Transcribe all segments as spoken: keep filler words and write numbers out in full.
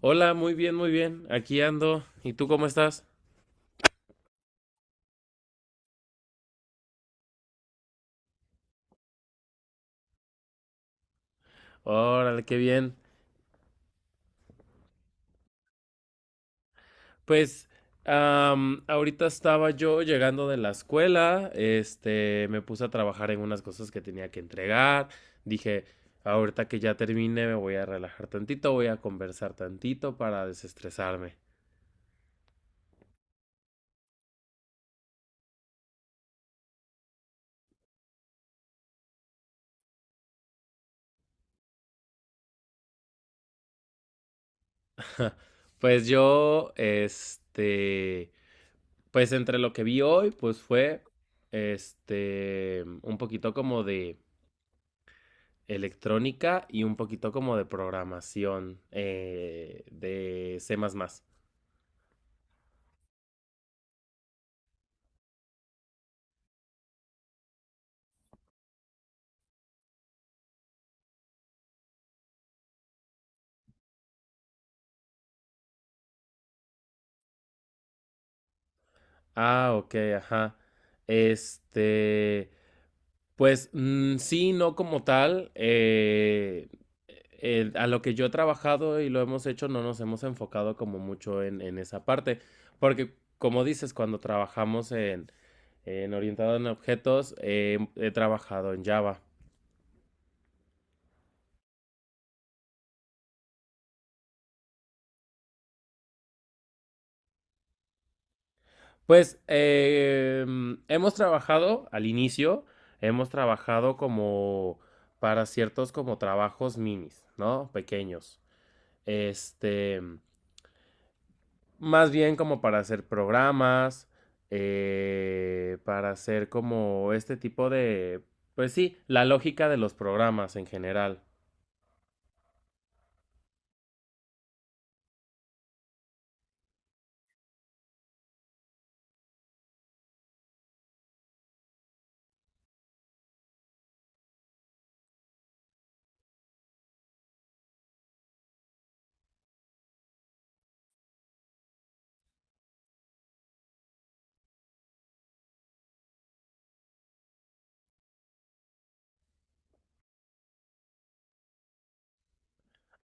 Hola, muy bien, muy bien. Aquí ando. ¿Y tú cómo estás? Órale, qué bien. Pues, am, ahorita estaba yo llegando de la escuela, este, me puse a trabajar en unas cosas que tenía que entregar. Dije, ahorita que ya termine, me voy a relajar tantito, voy a conversar tantito para desestresarme. Pues yo, este, pues entre lo que vi hoy, pues fue, este, un poquito como de electrónica y un poquito como de programación eh, de C++. Ah, ok, ajá. Este, pues mm, sí, no como tal. Eh, eh, a lo que yo he trabajado y lo hemos hecho, no nos hemos enfocado como mucho en, en esa parte, porque como dices, cuando trabajamos en, en orientado en objetos, eh, he trabajado en Java. Pues eh, hemos trabajado al inicio, hemos trabajado como para ciertos como trabajos minis, ¿no? Pequeños. Este, más bien como para hacer programas, eh, para hacer como este tipo de, pues sí, la lógica de los programas en general.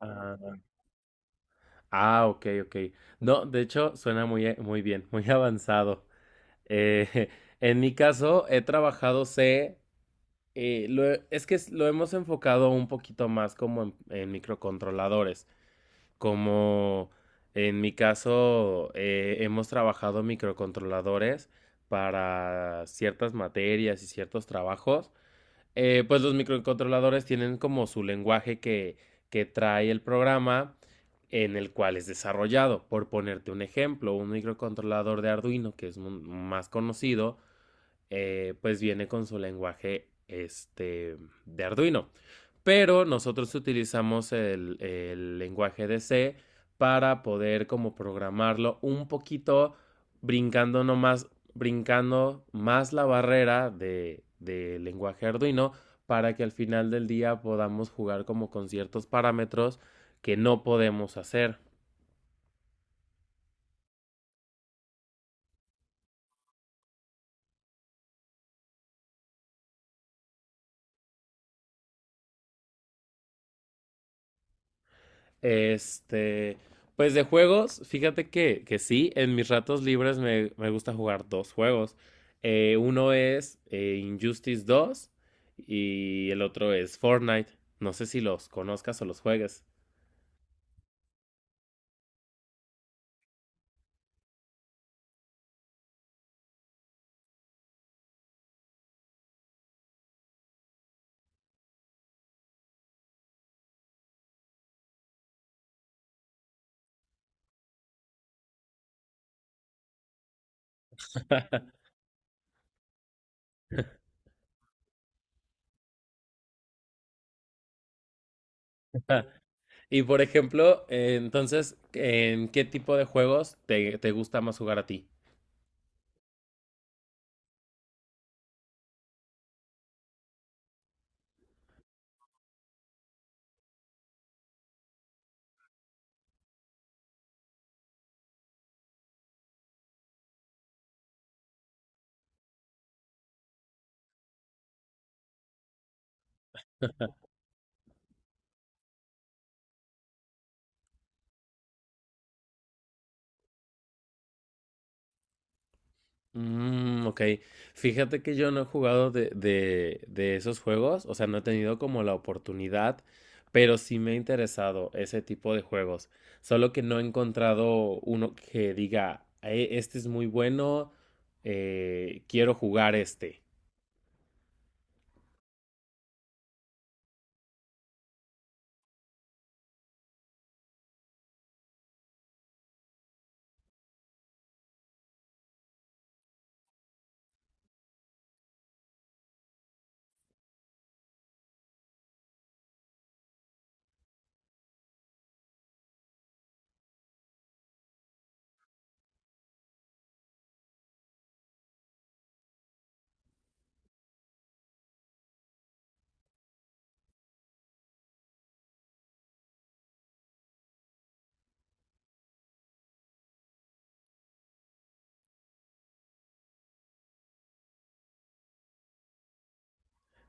Ah, ah, ok, ok. No, de hecho, suena muy, eh, muy bien, muy avanzado. Eh, en mi caso, he trabajado C. Eh, lo es que es- Lo hemos enfocado un poquito más como en, en microcontroladores, como en mi caso eh, hemos trabajado microcontroladores para ciertas materias y ciertos trabajos. Eh, pues los microcontroladores tienen como su lenguaje que, que trae el programa en el cual es desarrollado. Por ponerte un ejemplo, un microcontrolador de Arduino, que es un- más conocido, eh, pues viene con su lenguaje este, de Arduino. Pero nosotros utilizamos el, el lenguaje de C para poder como programarlo un poquito brincando nomás, brincando más la barrera de, de lenguaje Arduino para que al final del día podamos jugar como con ciertos parámetros que no podemos hacer. Este, pues de juegos, fíjate que, que sí, en mis ratos libres me, me gusta jugar dos juegos. Eh, uno es eh, Injustice dos y el otro es Fortnite. No sé si los conozcas o los juegues. Y por ejemplo, eh, entonces, ¿en qué tipo de juegos te, te gusta más jugar a ti? Mm, ok. Fíjate que yo no he jugado de, de, de esos juegos, o sea, no he tenido como la oportunidad, pero sí me ha interesado ese tipo de juegos. Solo que no he encontrado uno que diga, "Eh, este es muy bueno, eh, quiero jugar este".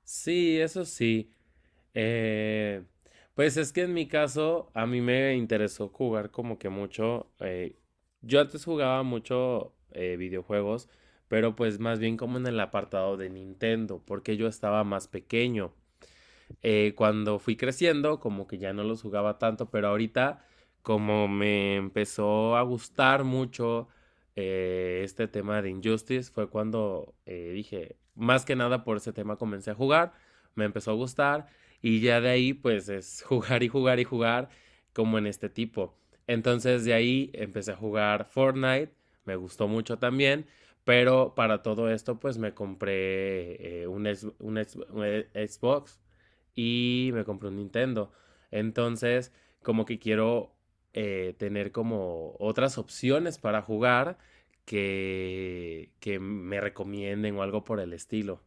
Sí, eso sí. Eh, pues es que en mi caso, a mí me interesó jugar como que mucho. Eh, yo antes jugaba mucho eh, videojuegos, pero pues más bien como en el apartado de Nintendo, porque yo estaba más pequeño eh, cuando fui creciendo, como que ya no los jugaba tanto, pero ahorita como me empezó a gustar mucho eh, este tema de Injustice, fue cuando eh, dije, más que nada por ese tema comencé a jugar, me empezó a gustar y ya de ahí pues es jugar y jugar y jugar como en este tipo. Entonces de ahí empecé a jugar Fortnite, me gustó mucho también, pero para todo esto pues me compré eh, un, ex- un ex- un Xbox y me compré un Nintendo. Entonces, como que quiero eh, tener como otras opciones para jugar que, que me recomienden o algo por el estilo.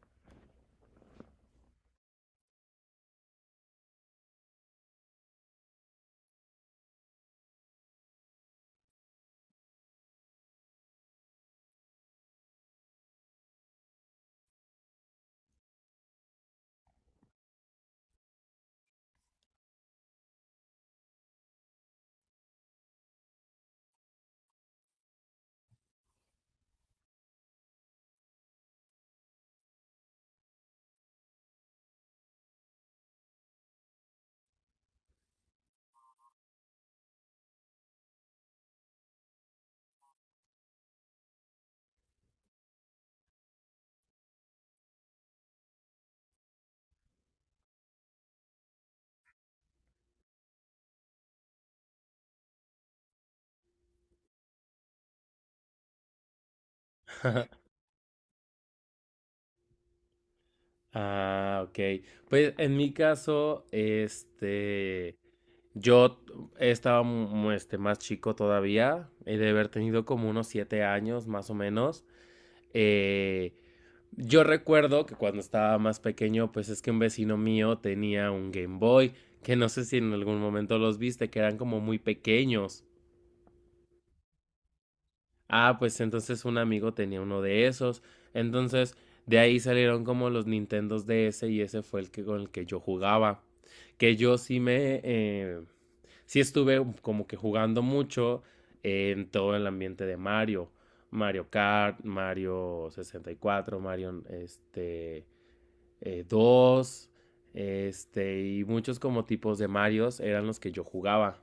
Ah, ok. Pues en mi caso, este, yo estaba mu- este, más chico todavía, he de haber tenido como unos siete años más o menos. Eh, yo recuerdo que cuando estaba más pequeño, pues es que un vecino mío tenía un Game Boy, que no sé si en algún momento los viste, que eran como muy pequeños. Ah, pues entonces un amigo tenía uno de esos. Entonces de ahí salieron como los Nintendos DS y ese fue el que con el que yo jugaba. Que yo sí me... eh, sí estuve como que jugando mucho en todo el ambiente de Mario. Mario Kart, Mario sesenta y cuatro, Mario este, eh, dos, este, y muchos como tipos de Marios eran los que yo jugaba.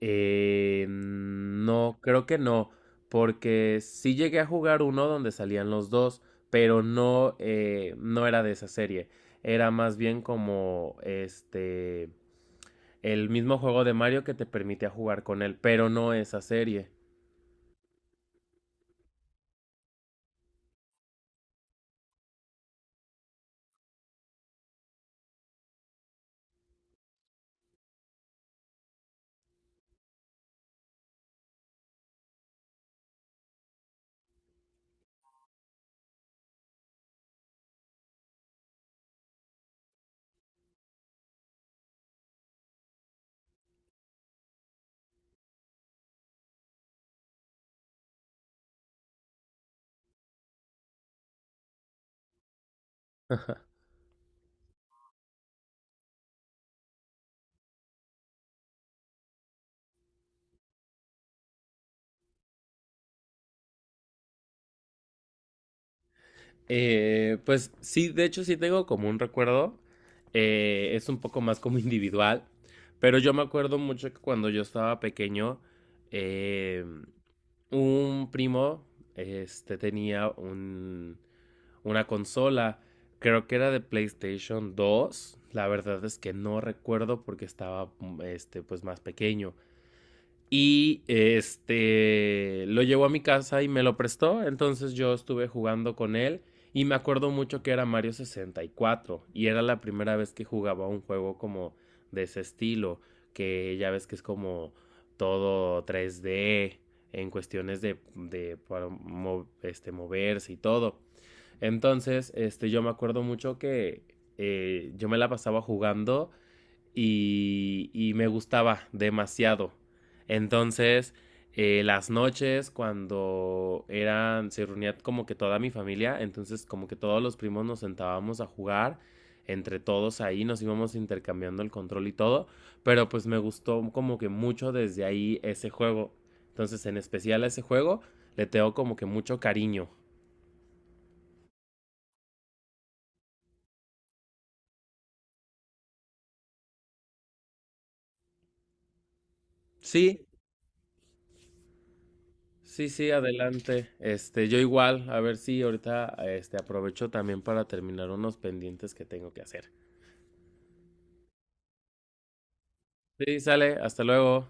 Eh, no, creo que no, porque sí llegué a jugar uno donde salían los dos, pero no, eh, no era de esa serie. Era más bien como este, el mismo juego de Mario que te permitía jugar con él, pero no esa serie. Eh, pues sí, de hecho sí tengo como un recuerdo. Eh, es un poco más como individual. Pero yo me acuerdo mucho que cuando yo estaba pequeño, eh, un primo este, tenía un, una consola. Creo que era de PlayStation dos. La verdad es que no recuerdo porque estaba mm, este, pues más pequeño. Y este lo llevó a mi casa y me lo prestó. Entonces yo estuve jugando con él. Y me acuerdo mucho que era Mario sesenta y cuatro. Y cuatro y era la primera vez que jugaba un juego como de ese estilo. Que ya ves que es como todo tres D. En cuestiones de, de para mo- este, moverse y todo. Entonces, este, yo me acuerdo mucho que eh, yo me la pasaba jugando y, y me gustaba demasiado. Entonces, eh, las noches cuando eran, se reunía como que toda mi familia, entonces como que todos los primos nos sentábamos a jugar entre todos ahí, nos íbamos intercambiando el control y todo, pero pues me gustó como que mucho desde ahí ese juego. Entonces, en especial a ese juego, le tengo como que mucho cariño. Sí. Sí, sí, adelante. Este, yo igual, a ver si ahorita este aprovecho también para terminar unos pendientes que tengo que hacer. Sí, sale, hasta luego.